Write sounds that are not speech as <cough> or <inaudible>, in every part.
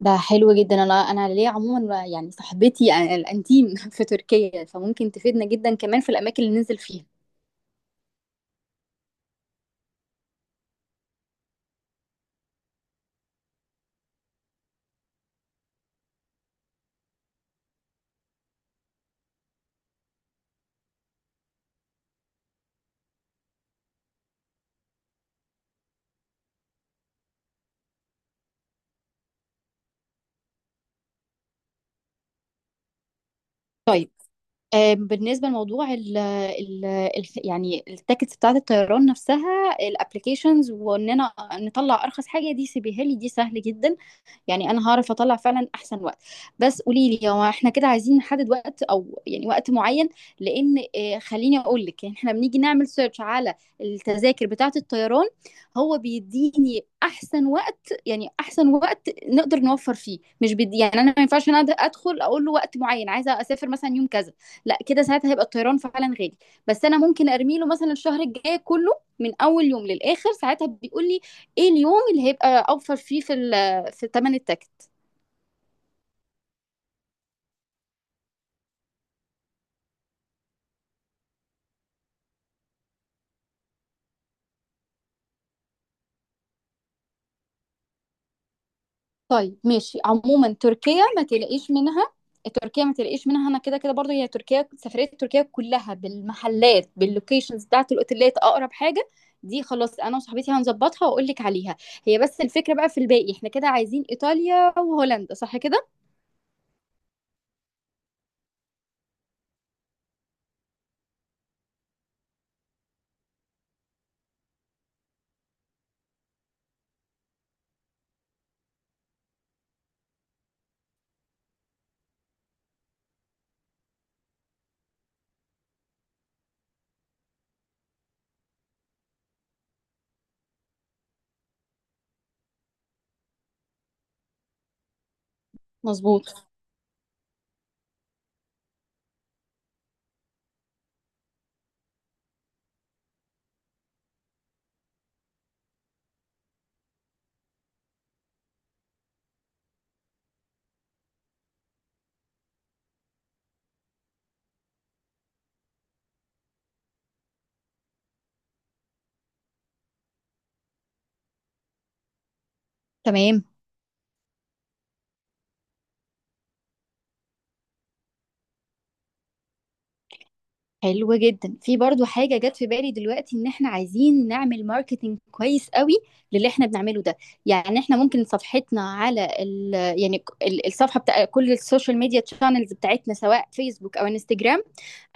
ده حلو جدا. انا ليا عموما يعني صاحبتي الانتيم <laughs> في تركيا، فممكن تفيدنا جدا كمان في الاماكن اللي ننزل فيها. طيب، بالنسبه لموضوع ال ال ال يعني التيكتس بتاعه الطيران نفسها، الابلكيشنز، واننا نطلع ارخص حاجه، دي سيبيهالي، دي سهل جدا. يعني انا هعرف اطلع فعلا احسن وقت. بس قولي لي، هو احنا كده عايزين نحدد وقت او يعني وقت معين؟ لان خليني اقول لك، يعني احنا بنيجي نعمل سيرش على التذاكر بتاعة الطيران، هو بيديني احسن وقت، يعني احسن وقت نقدر نوفر فيه. مش بدي يعني، انا ما ينفعش انا ادخل اقول له وقت معين عايزه اسافر مثلا يوم كذا، لا، كده ساعتها هيبقى الطيران فعلا غالي. بس انا ممكن ارمي له مثلا الشهر الجاي كله، من اول يوم للاخر، ساعتها بيقول لي ايه اليوم اللي هيبقى اوفر فيه في في تمن التكت. طيب ماشي. عموما تركيا ما تلاقيش منها، تركيا ما تلاقيش منها، انا كده كده برضو هي تركيا، سفرية تركيا كلها بالمحلات، باللوكيشنز بتاعت الاوتيلات اقرب حاجة، دي خلاص انا وصاحبتي هنظبطها واقول لك عليها. هي بس الفكرة بقى في الباقي، احنا كده عايزين ايطاليا وهولندا، صح كده؟ مظبوط تمام. حلو جدا، في برضو حاجة جت في بالي دلوقتي، ان احنا عايزين نعمل ماركتينج كويس قوي للي احنا بنعمله ده. يعني احنا ممكن صفحتنا على ال يعني ك- ال- الصفحة بتاع كل السوشيال ميديا تشانلز بتاعتنا، سواء فيسبوك او انستجرام،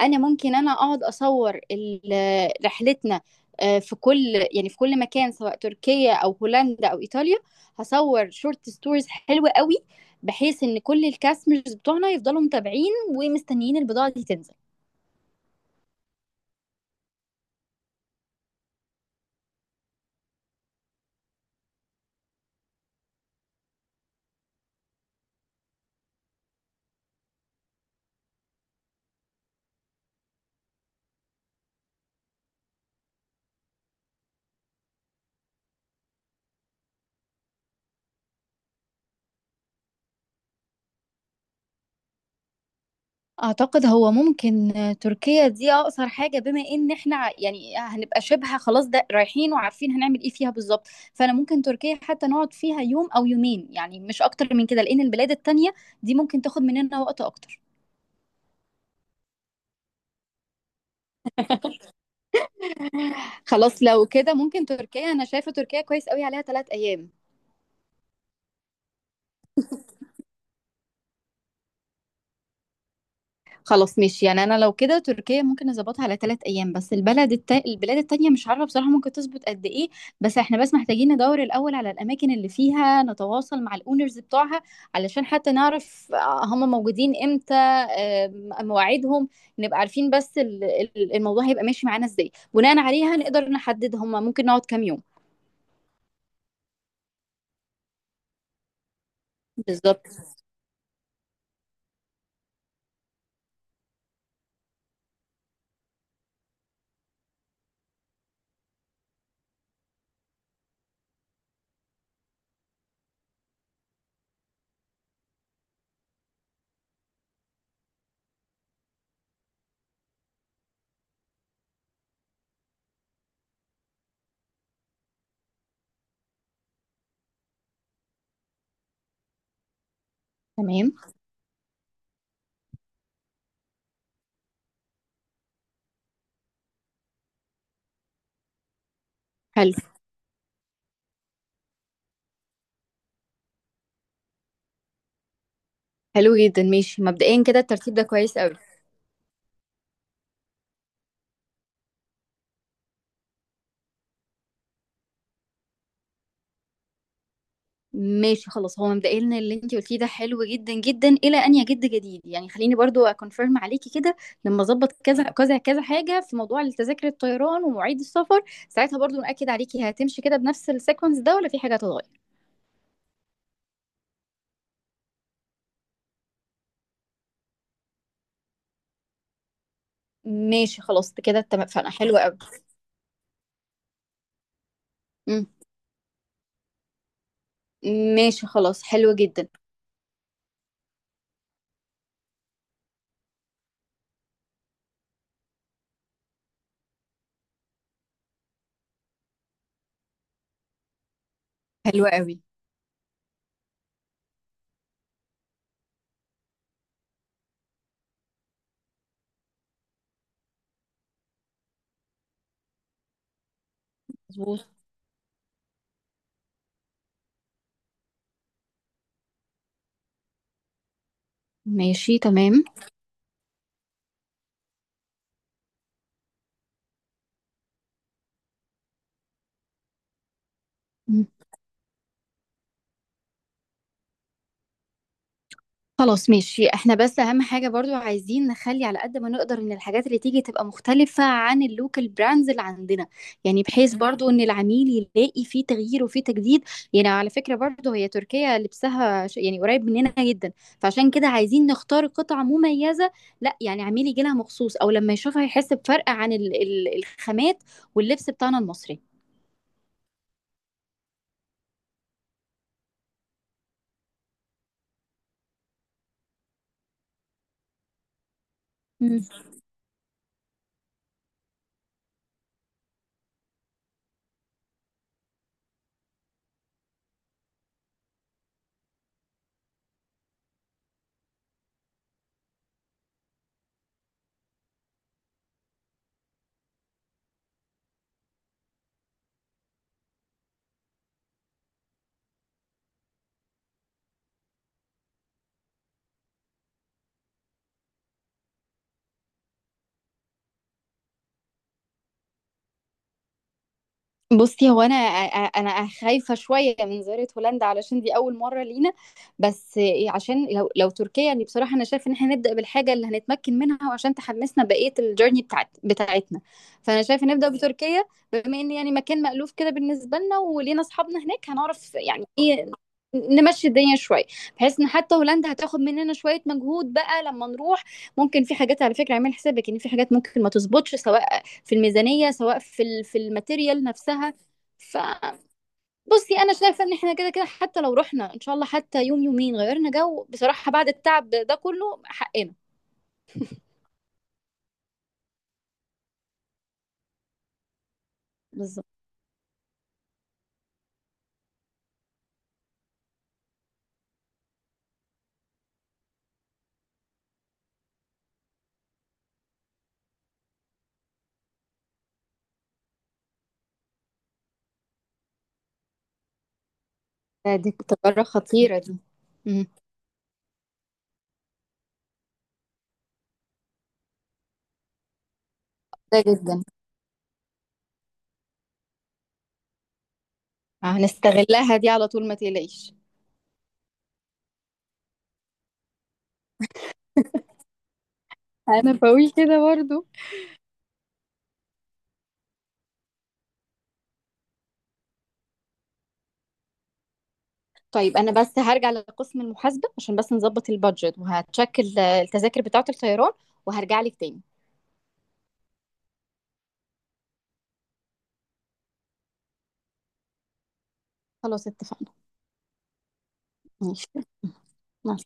انا ممكن اقعد اصور رحلتنا، في كل يعني في كل مكان، سواء تركيا او هولندا او ايطاليا. هصور شورت ستوريز حلوة قوي، بحيث ان كل الكاستمرز بتوعنا يفضلوا متابعين ومستنيين البضاعة دي تنزل. اعتقد هو ممكن تركيا دي اقصر حاجه، بما ان احنا يعني هنبقى شبه خلاص ده رايحين وعارفين هنعمل ايه فيها بالظبط. فانا ممكن تركيا حتى نقعد فيها يوم او يومين، يعني مش اكتر من كده، لان البلاد التانية دي ممكن تاخد مننا وقت اكتر. خلاص، لو كده ممكن تركيا، انا شايفه تركيا كويس قوي عليها ثلاث ايام. خلاص ماشي، يعني انا لو كده تركيا ممكن نظبطها على ثلاث ايام، بس البلد البلاد التانية مش عارفة بصراحة ممكن تظبط قد ايه. بس احنا بس محتاجين ندور الاول على الاماكن اللي فيها نتواصل مع الاونرز بتوعها، علشان حتى نعرف هم موجودين امتى، آه، مواعيدهم، نبقى عارفين بس الموضوع هيبقى ماشي معانا ازاي، بناء عليها نقدر نحدد هم ممكن نقعد كام يوم بالظبط. تمام. حلو، حلو جدا، ماشي. مبدئيا كده الترتيب ده كويس قوي. ماشي خلاص، هو مبدئيا اللي انت قلتيه ده حلو جدا جدا الى ان يجد جديد. يعني خليني برضو اكونفيرم عليكي كده، لما اظبط كذا كذا كذا حاجه في موضوع التذاكر الطيران ومواعيد السفر، ساعتها برضو ناكد عليكي هتمشي كده بنفس السيكونس ده ولا في حاجه هتتغير. ماشي خلاص، كده اتفقنا، حلو قوي. مم. ماشي خلاص، حلو جدا. حلو قوي. مظبوط. ماشي تمام. خلاص ماشي، احنا بس اهم حاجة برضو عايزين نخلي على قد ما نقدر ان الحاجات اللي تيجي تبقى مختلفة عن اللوكال براندز اللي عندنا. يعني بحيث برضو ان العميل يلاقي فيه تغيير وفيه تجديد. يعني على فكرة برضو هي تركيا لبسها يعني قريب مننا جدا، فعشان كده عايزين نختار قطع مميزة، لا يعني عميل يجي لها مخصوص او لما يشوفها يحس بفرق عن الخامات واللبس بتاعنا المصري. بُصّي، هو أنا أ أ أنا خايفة شوية من زيارة هولندا علشان دي أول مرّة لينا، بس إيه، عشان لو تركيا، اللي بصراحة أنا شايفة إن إحنا نبدأ بالحاجة اللي هنتمكن منها وعشان تحمّسنا بقية الjourney بتاعتنا، فأنا شايفة نبدأ بتركيا، بما إن يعني مكان مألوف كده بالنسبة لنا ولينا أصحابنا هناك، هنعرف يعني إيه، نمشّي الدنيا شوية، بحيث إن حتى هولندا هتاخد مننا شوية مجهود بقى لمّا نروح. ممكن في حاجات، على فكرة اعملي حسابِك إن في حاجات ممكن ما تضبطش، سواء في الميزانية سواء في في الماتيريال نفسها. فبصي، انا شايفة ان احنا كده كده حتى لو رحنا ان شاء الله حتى يوم يومين غيرنا جو بصراحة، بعد التعب ده كله حقنا. بالظبط. دي تجربة خطيرة دي. مم. ده جدا. هنستغلها دي على طول، ما تقلقيش. انا بقول كده برضو. طيب انا بس هرجع لقسم المحاسبه عشان بس نظبط البادجت وهتشكل التذاكر بتاعه الطيران، وهرجع لك تاني. خلاص اتفقنا. ماشي. مع